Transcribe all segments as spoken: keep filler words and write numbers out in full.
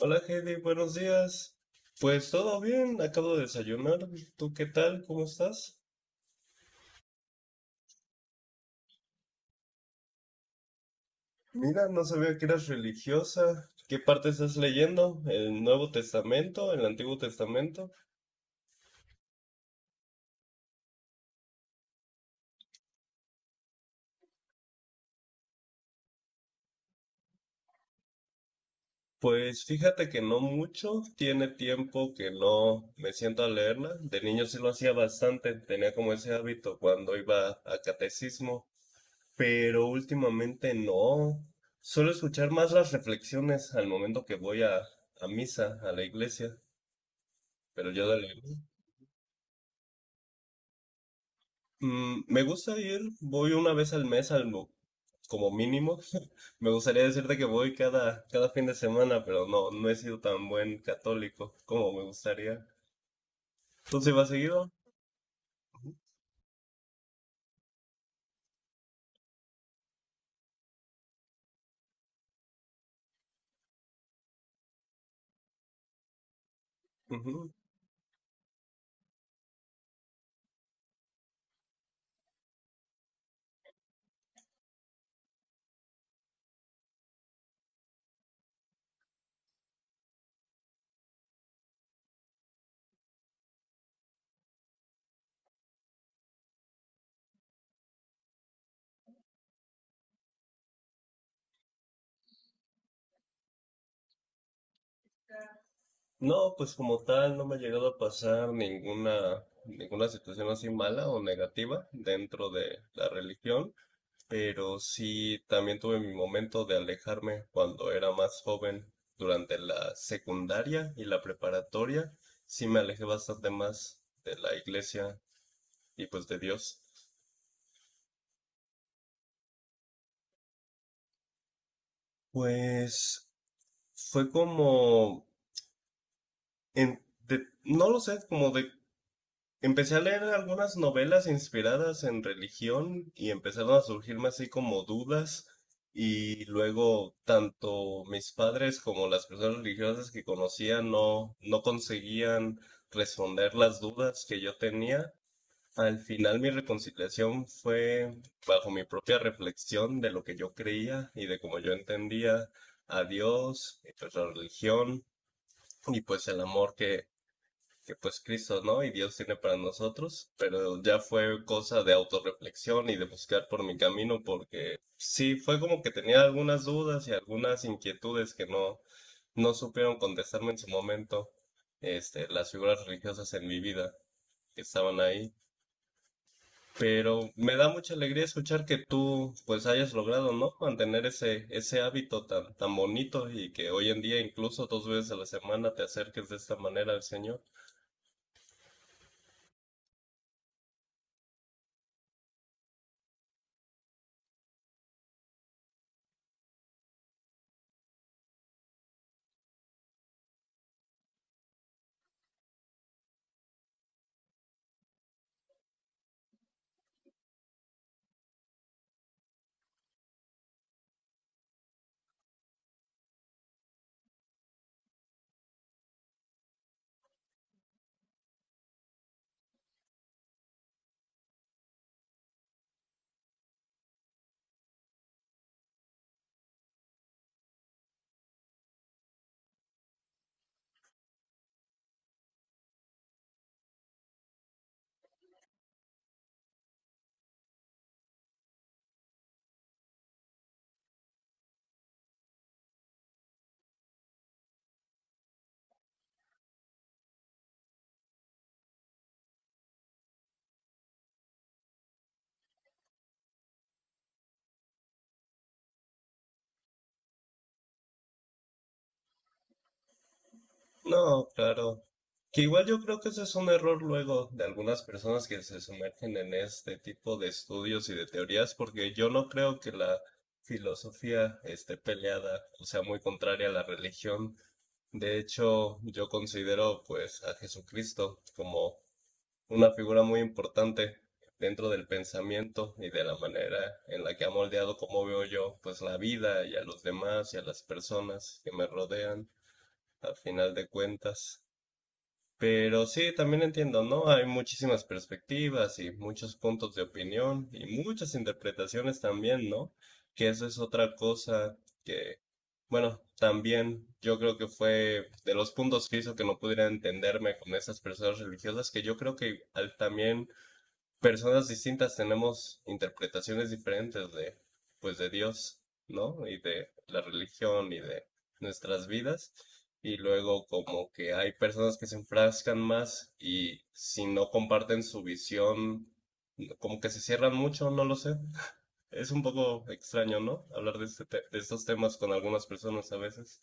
Hola, Heidi, buenos días. Pues todo bien, acabo de desayunar. ¿Tú qué tal? ¿Cómo estás? Mira, no sabía que eras religiosa. ¿Qué parte estás leyendo? ¿El Nuevo Testamento? ¿El Antiguo Testamento? Pues fíjate que no mucho. Tiene tiempo que no me siento a leerla. De niño sí lo hacía bastante. Tenía como ese hábito cuando iba a catecismo. Pero últimamente no. Suelo escuchar más las reflexiones al momento que voy a, a misa, a la iglesia. Pero yo de leer, mm, me gusta ir, voy una vez al mes, al, mo- como mínimo. Me gustaría decirte que voy cada, cada fin de semana, pero no, no he sido tan buen católico como me gustaría. ¿Tú sí vas seguido? Ujú. No, pues como tal, no me ha llegado a pasar ninguna, ninguna situación así mala o negativa dentro de la religión. Pero sí también tuve mi momento de alejarme cuando era más joven, durante la secundaria y la preparatoria, sí me alejé bastante más de la iglesia y pues de Dios. Pues fue como, en, de- no lo sé, como de empecé a leer algunas novelas inspiradas en religión y empezaron a surgirme así como dudas y luego tanto mis padres como las personas religiosas que conocía no, no conseguían responder las dudas que yo tenía. Al final mi reconciliación fue bajo mi propia reflexión de lo que yo creía y de cómo yo entendía a Dios, y pues la religión y pues el amor que que pues Cristo, ¿no? Y Dios tiene para nosotros, pero ya fue cosa de autorreflexión y de buscar por mi camino, porque sí, fue como que tenía algunas dudas y algunas inquietudes que no, no supieron contestarme en su momento, este, las figuras religiosas en mi vida que estaban ahí. Pero me da mucha alegría escuchar que tú pues hayas logrado, ¿no? Mantener ese, ese hábito tan, tan bonito y que hoy en día incluso dos veces a la semana te acerques de esta manera al Señor. No, claro. Que igual yo creo que ese es un error luego de algunas personas que se sumergen en este tipo de estudios y de teorías, porque yo no creo que la filosofía esté peleada o sea muy contraria a la religión. De hecho, yo considero pues a Jesucristo como una figura muy importante dentro del pensamiento y de la manera en la que ha moldeado cómo veo yo pues la vida y a los demás y a las personas que me rodean al final de cuentas. Pero sí, también entiendo, ¿no? Hay muchísimas perspectivas y muchos puntos de opinión y muchas interpretaciones también, ¿no? Que eso es otra cosa que, bueno, también yo creo que fue de los puntos que hizo que no pudiera entenderme con esas personas religiosas, que yo creo que al- también personas distintas tenemos interpretaciones diferentes de, pues, de Dios, ¿no? Y de la religión y de nuestras vidas. Y luego como que hay personas que se enfrascan más y si no comparten su visión, como que se cierran mucho, no lo sé. Es un poco extraño, ¿no? Hablar de, este te- de estos temas con algunas personas a veces.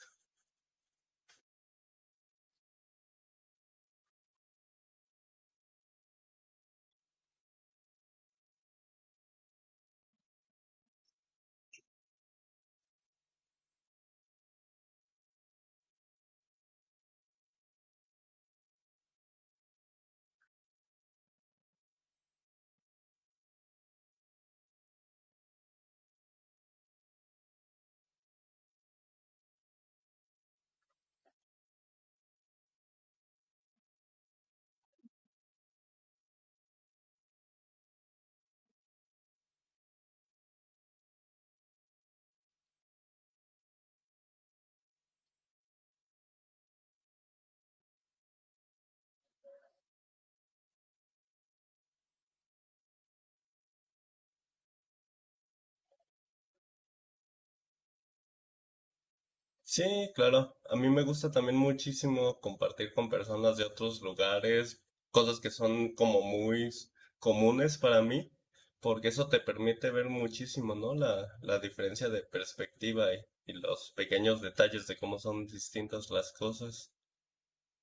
Sí, claro. A mí me gusta también muchísimo compartir con personas de otros lugares, cosas que son como muy s- comunes para mí, porque eso te permite ver muchísimo, ¿no? La, la diferencia de perspectiva y, y los pequeños detalles de cómo son distintas las cosas.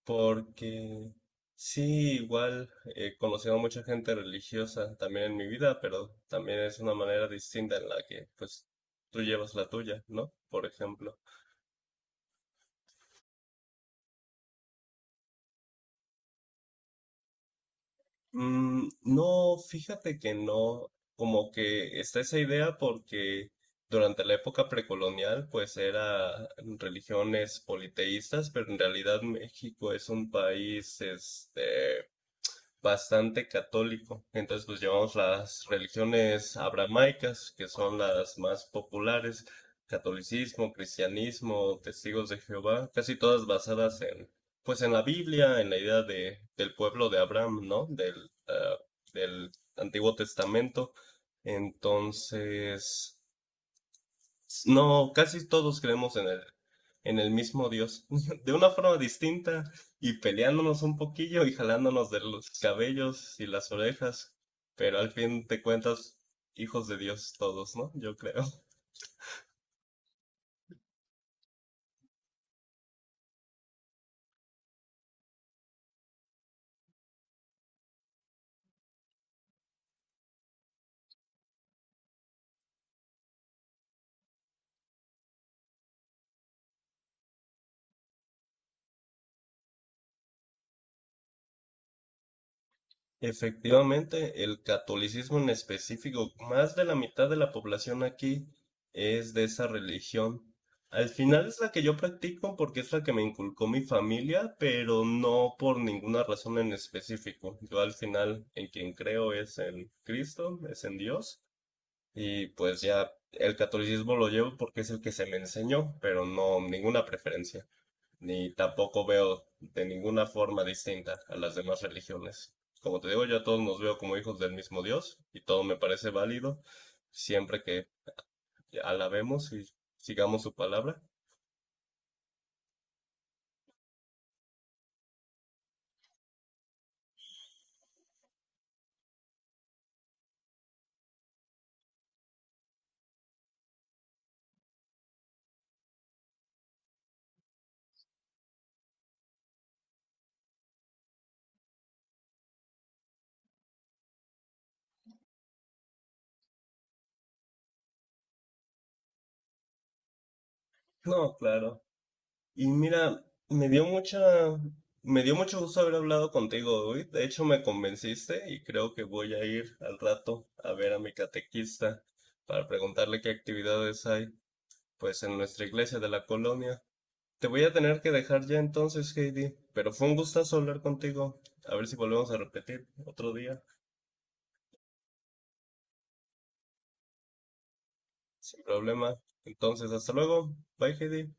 Porque sí, igual he conocido a mucha gente religiosa también en mi vida, pero también es una manera distinta en la que pues tú llevas la tuya, ¿no? Por ejemplo. Mm, no, fíjate que no, como que está esa idea porque durante la época precolonial pues era religiones politeístas, pero en realidad México es un país este bastante católico. Entonces, pues llevamos las religiones abramaicas, que son las más populares, catolicismo, cristianismo, testigos de Jehová, casi todas basadas en, pues en la Biblia, en la idea de, del pueblo de Abraham, ¿no? Del, ah, del Antiguo Testamento. Entonces, no, casi todos creemos en el, en el mismo Dios, de una forma distinta y peleándonos un poquillo y jalándonos de los cabellos y las orejas, pero al fin de cuentas, hijos de Dios todos, ¿no? Yo creo. Efectivamente, el catolicismo en específico, más de la mitad de la población aquí es de esa religión. Al final es la que yo practico porque es la que me inculcó mi familia, pero no por ninguna razón en específico. Yo al final en quien creo es en Cristo, es en Dios, y pues ya el catolicismo lo llevo porque es el que se me enseñó, pero no ninguna preferencia ni tampoco veo de ninguna forma distinta a las demás religiones. Como te digo, yo a todos nos veo como hijos del mismo Dios y todo me parece válido siempre que alabemos y sigamos su palabra. No, claro. Y mira, me dio mucha, me dio mucho gusto haber hablado contigo hoy. De hecho, me convenciste y creo que voy a ir al rato a ver a mi catequista para preguntarle qué actividades hay, pues, en nuestra iglesia de la colonia. Te voy a tener que dejar ya entonces, Heidi, pero fue un gustazo hablar contigo. A ver si volvemos a repetir otro día, sin problema. Entonces, hasta luego. Bye, Heidi.